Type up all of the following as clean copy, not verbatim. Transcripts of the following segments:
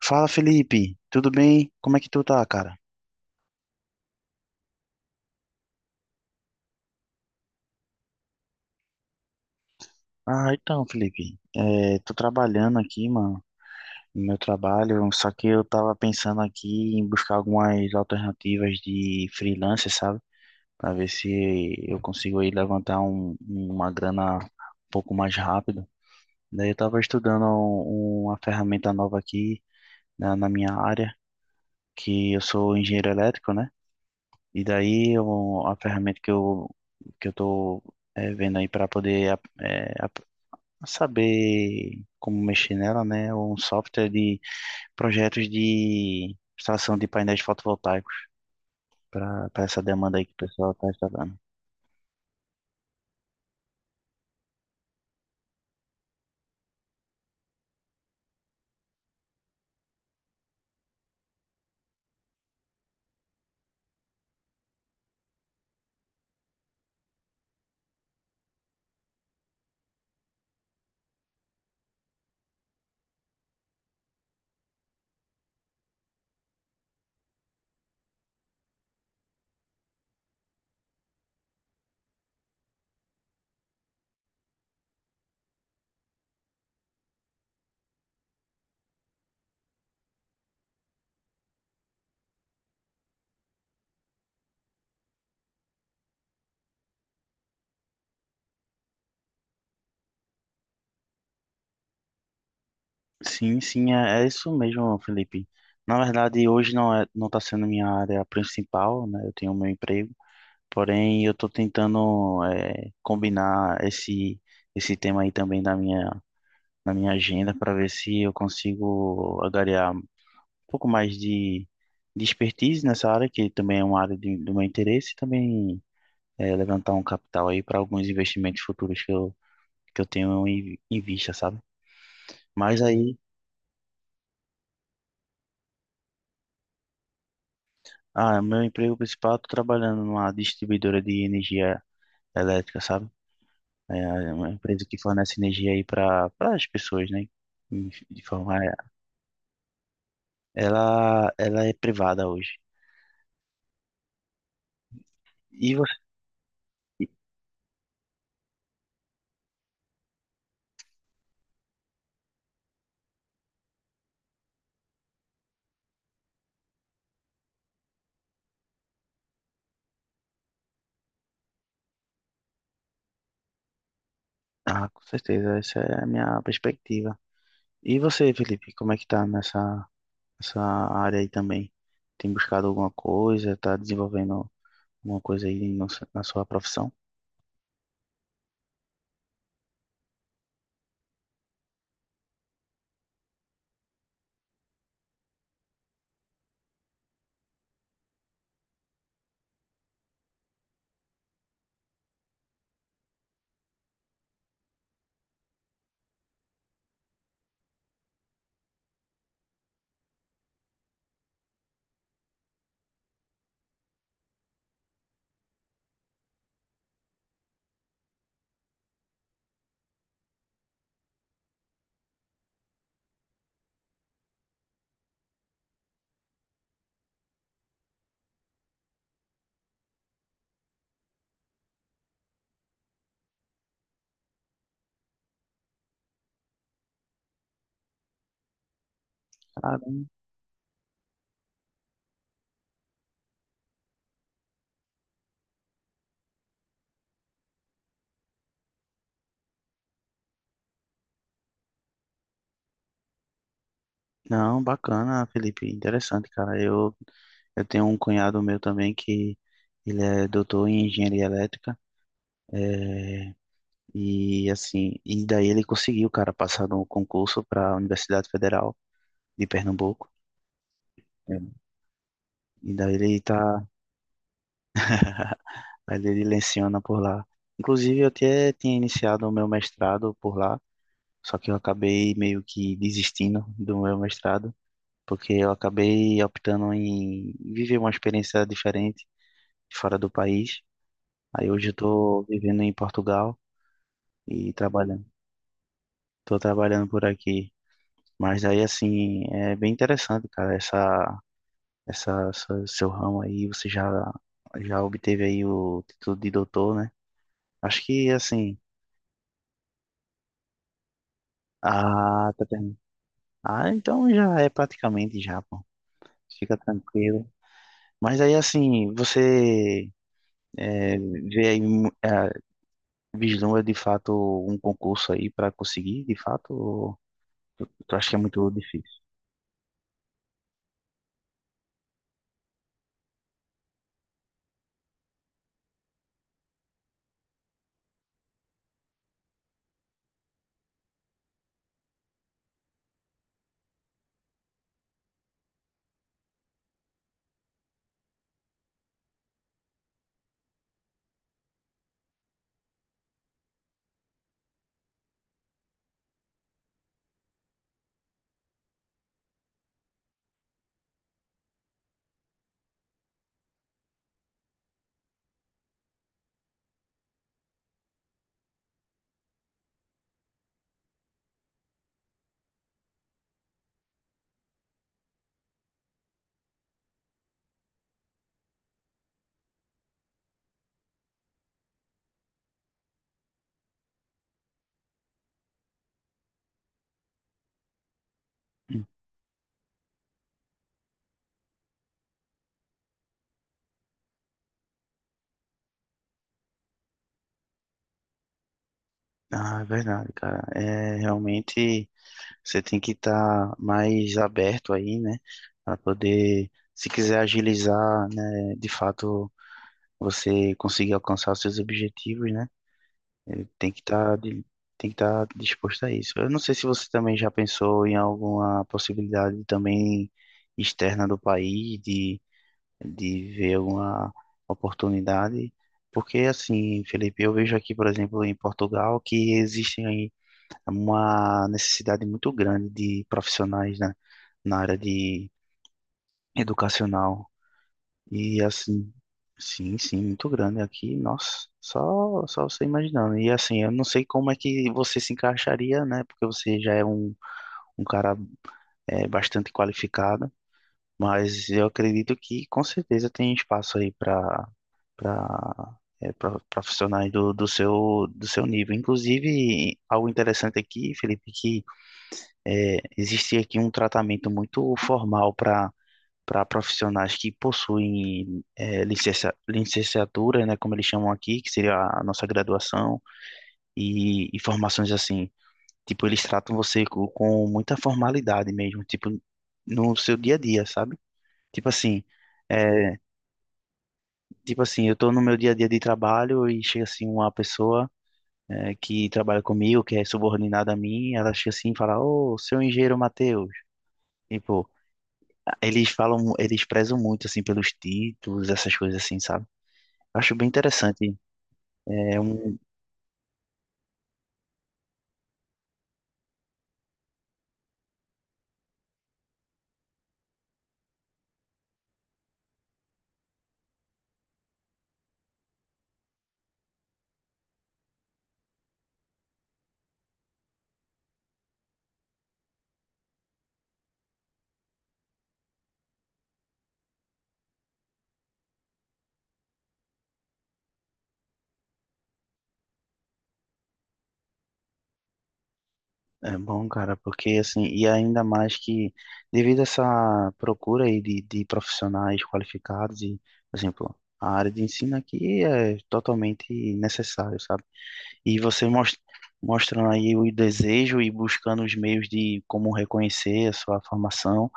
Fala, Felipe. Tudo bem? Como é que tu tá, cara? Então, Felipe, tô trabalhando aqui, mano, no meu trabalho, só que eu tava pensando aqui em buscar algumas alternativas de freelancer, sabe? Pra ver se eu consigo aí levantar uma grana um pouco mais rápido. Daí eu tava estudando uma ferramenta nova aqui na minha área, que eu sou engenheiro elétrico, né? E daí a ferramenta que eu tô vendo aí para poder saber como mexer nela, né? É um software de projetos de extração de painéis fotovoltaicos para essa demanda aí que o pessoal está instalando. Sim, sim, é, é isso mesmo, Felipe. Na verdade, hoje não está sendo minha área principal, né? Eu tenho meu emprego, porém eu estou tentando combinar esse tema aí também da minha na minha agenda para ver se eu consigo agariar um pouco mais de expertise nessa área, que também é uma área de, do meu interesse, e também é, levantar um capital aí para alguns investimentos futuros que eu tenho em, em vista, sabe? Mas aí, ah, meu emprego principal, estou trabalhando numa distribuidora de energia elétrica, sabe? É é uma empresa que fornece energia aí para as pessoas, né? De forma, ela é privada hoje. E você? Ah, com certeza, essa é a minha perspectiva. E você, Felipe, como é que tá nessa área aí também? Tem buscado alguma coisa? Tá desenvolvendo alguma coisa aí na sua profissão? Caramba. Não, bacana, Felipe, interessante, cara. Eu tenho um cunhado meu também que ele é doutor em engenharia elétrica, é, e assim, e daí ele conseguiu, cara, passar no concurso para a Universidade Federal de Pernambuco. É. E daí ele tá, mas ele leciona por lá. Inclusive, eu até tinha iniciado o meu mestrado por lá, só que eu acabei meio que desistindo do meu mestrado, porque eu acabei optando em viver uma experiência diferente fora do país. Aí hoje eu tô vivendo em Portugal e trabalhando. Tô trabalhando por aqui. Mas aí, assim, é bem interessante, cara, seu ramo aí, já obteve aí o título de doutor, né? Acho que, assim, a, ah, então já é praticamente já, pô. Fica tranquilo. Mas aí, assim, você é, vê aí, vislumbra de fato um concurso aí pra conseguir, de fato, ou tu acha que é muito difícil? Hum. Ah, é verdade, cara. É, realmente você tem que estar mais aberto aí, né? Para poder, se quiser agilizar, né, de fato, você conseguir alcançar os seus objetivos, né? Ele tem que estar disposto a isso. Eu não sei se você também já pensou em alguma possibilidade também externa do país de ver alguma oportunidade, porque assim, Felipe, eu vejo aqui, por exemplo, em Portugal que existe aí uma necessidade muito grande de profissionais, né, na área de educacional. E assim, sim, sim, muito grande aqui, nossa, só você imaginando. E assim, eu não sei como é que você se encaixaria, né? Porque você já é um cara é, bastante qualificado, mas eu acredito que com certeza tem espaço aí para para profissionais do, do seu nível. Inclusive, algo interessante aqui, Felipe, que é, existe aqui um tratamento muito formal para profissionais que possuem licenciatura, né, como eles chamam aqui, que seria a nossa graduação, e formações assim. Tipo, eles tratam você com muita formalidade mesmo, tipo, no seu dia a dia, sabe? Tipo assim, eh, tipo assim, eu tô no meu dia a dia de trabalho e chega assim uma pessoa que trabalha comigo, que é subordinada a mim, ela chega assim e fala, ô, seu engenheiro Matheus. Tipo, eles falam, eles prezam muito assim pelos títulos, essas coisas assim, sabe? Acho bem interessante. É um é bom, cara, porque assim, e ainda mais que devido a essa procura aí de profissionais qualificados e, por exemplo, a área de ensino aqui é totalmente necessário, sabe? E você mostrando aí o desejo e buscando os meios de como reconhecer a sua formação,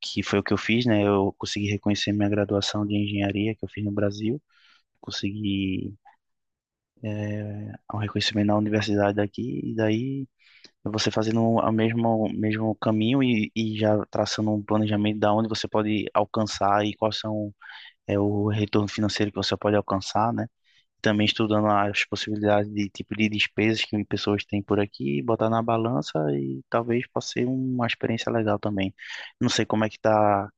que foi o que eu fiz, né? Eu consegui reconhecer minha graduação de engenharia que eu fiz no Brasil, consegui é, um reconhecimento na universidade daqui, e daí você fazendo o mesmo, mesmo caminho e já traçando um planejamento da onde você pode alcançar e quais são é, o retorno financeiro que você pode alcançar, né? Também estudando as possibilidades de tipo de despesas que pessoas têm por aqui, botar na balança e talvez possa ser uma experiência legal também. Não sei como é que tá.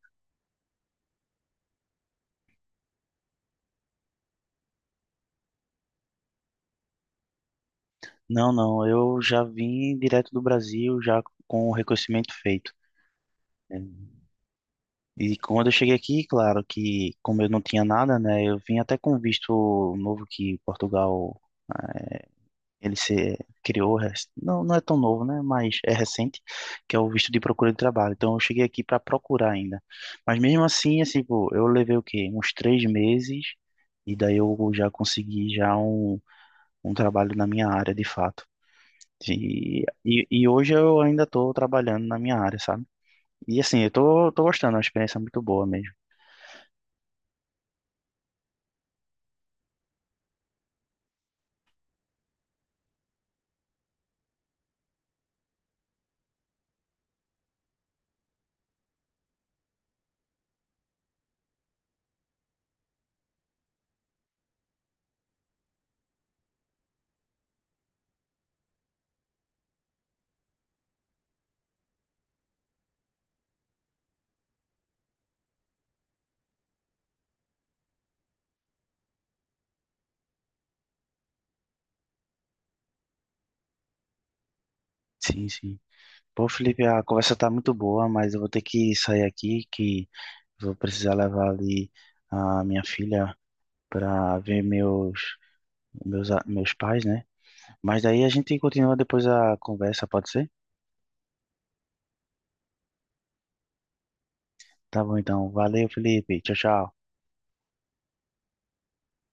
Não, não, eu já vim direto do Brasil já com o reconhecimento feito. É, e quando eu cheguei aqui, claro que como eu não tinha nada, né, eu vim até com um visto novo que Portugal ah, ele se criou, não, não é tão novo, né, mas é recente, que é o visto de procura de trabalho. Então eu cheguei aqui para procurar ainda. Mas mesmo assim, assim, pô, eu levei o quê? Uns 3 meses e daí eu já consegui um trabalho na minha área de fato. E hoje eu ainda estou trabalhando na minha área, sabe? E assim, eu tô, tô gostando, é uma experiência muito boa mesmo. Sim, sim. Pô, Felipe, a conversa tá muito boa, mas eu vou ter que sair aqui, que vou precisar levar ali a minha filha para ver meus, meus pais, né? Mas daí a gente continua depois a conversa, pode ser? Tá bom, então. Valeu, Felipe. Tchau, tchau.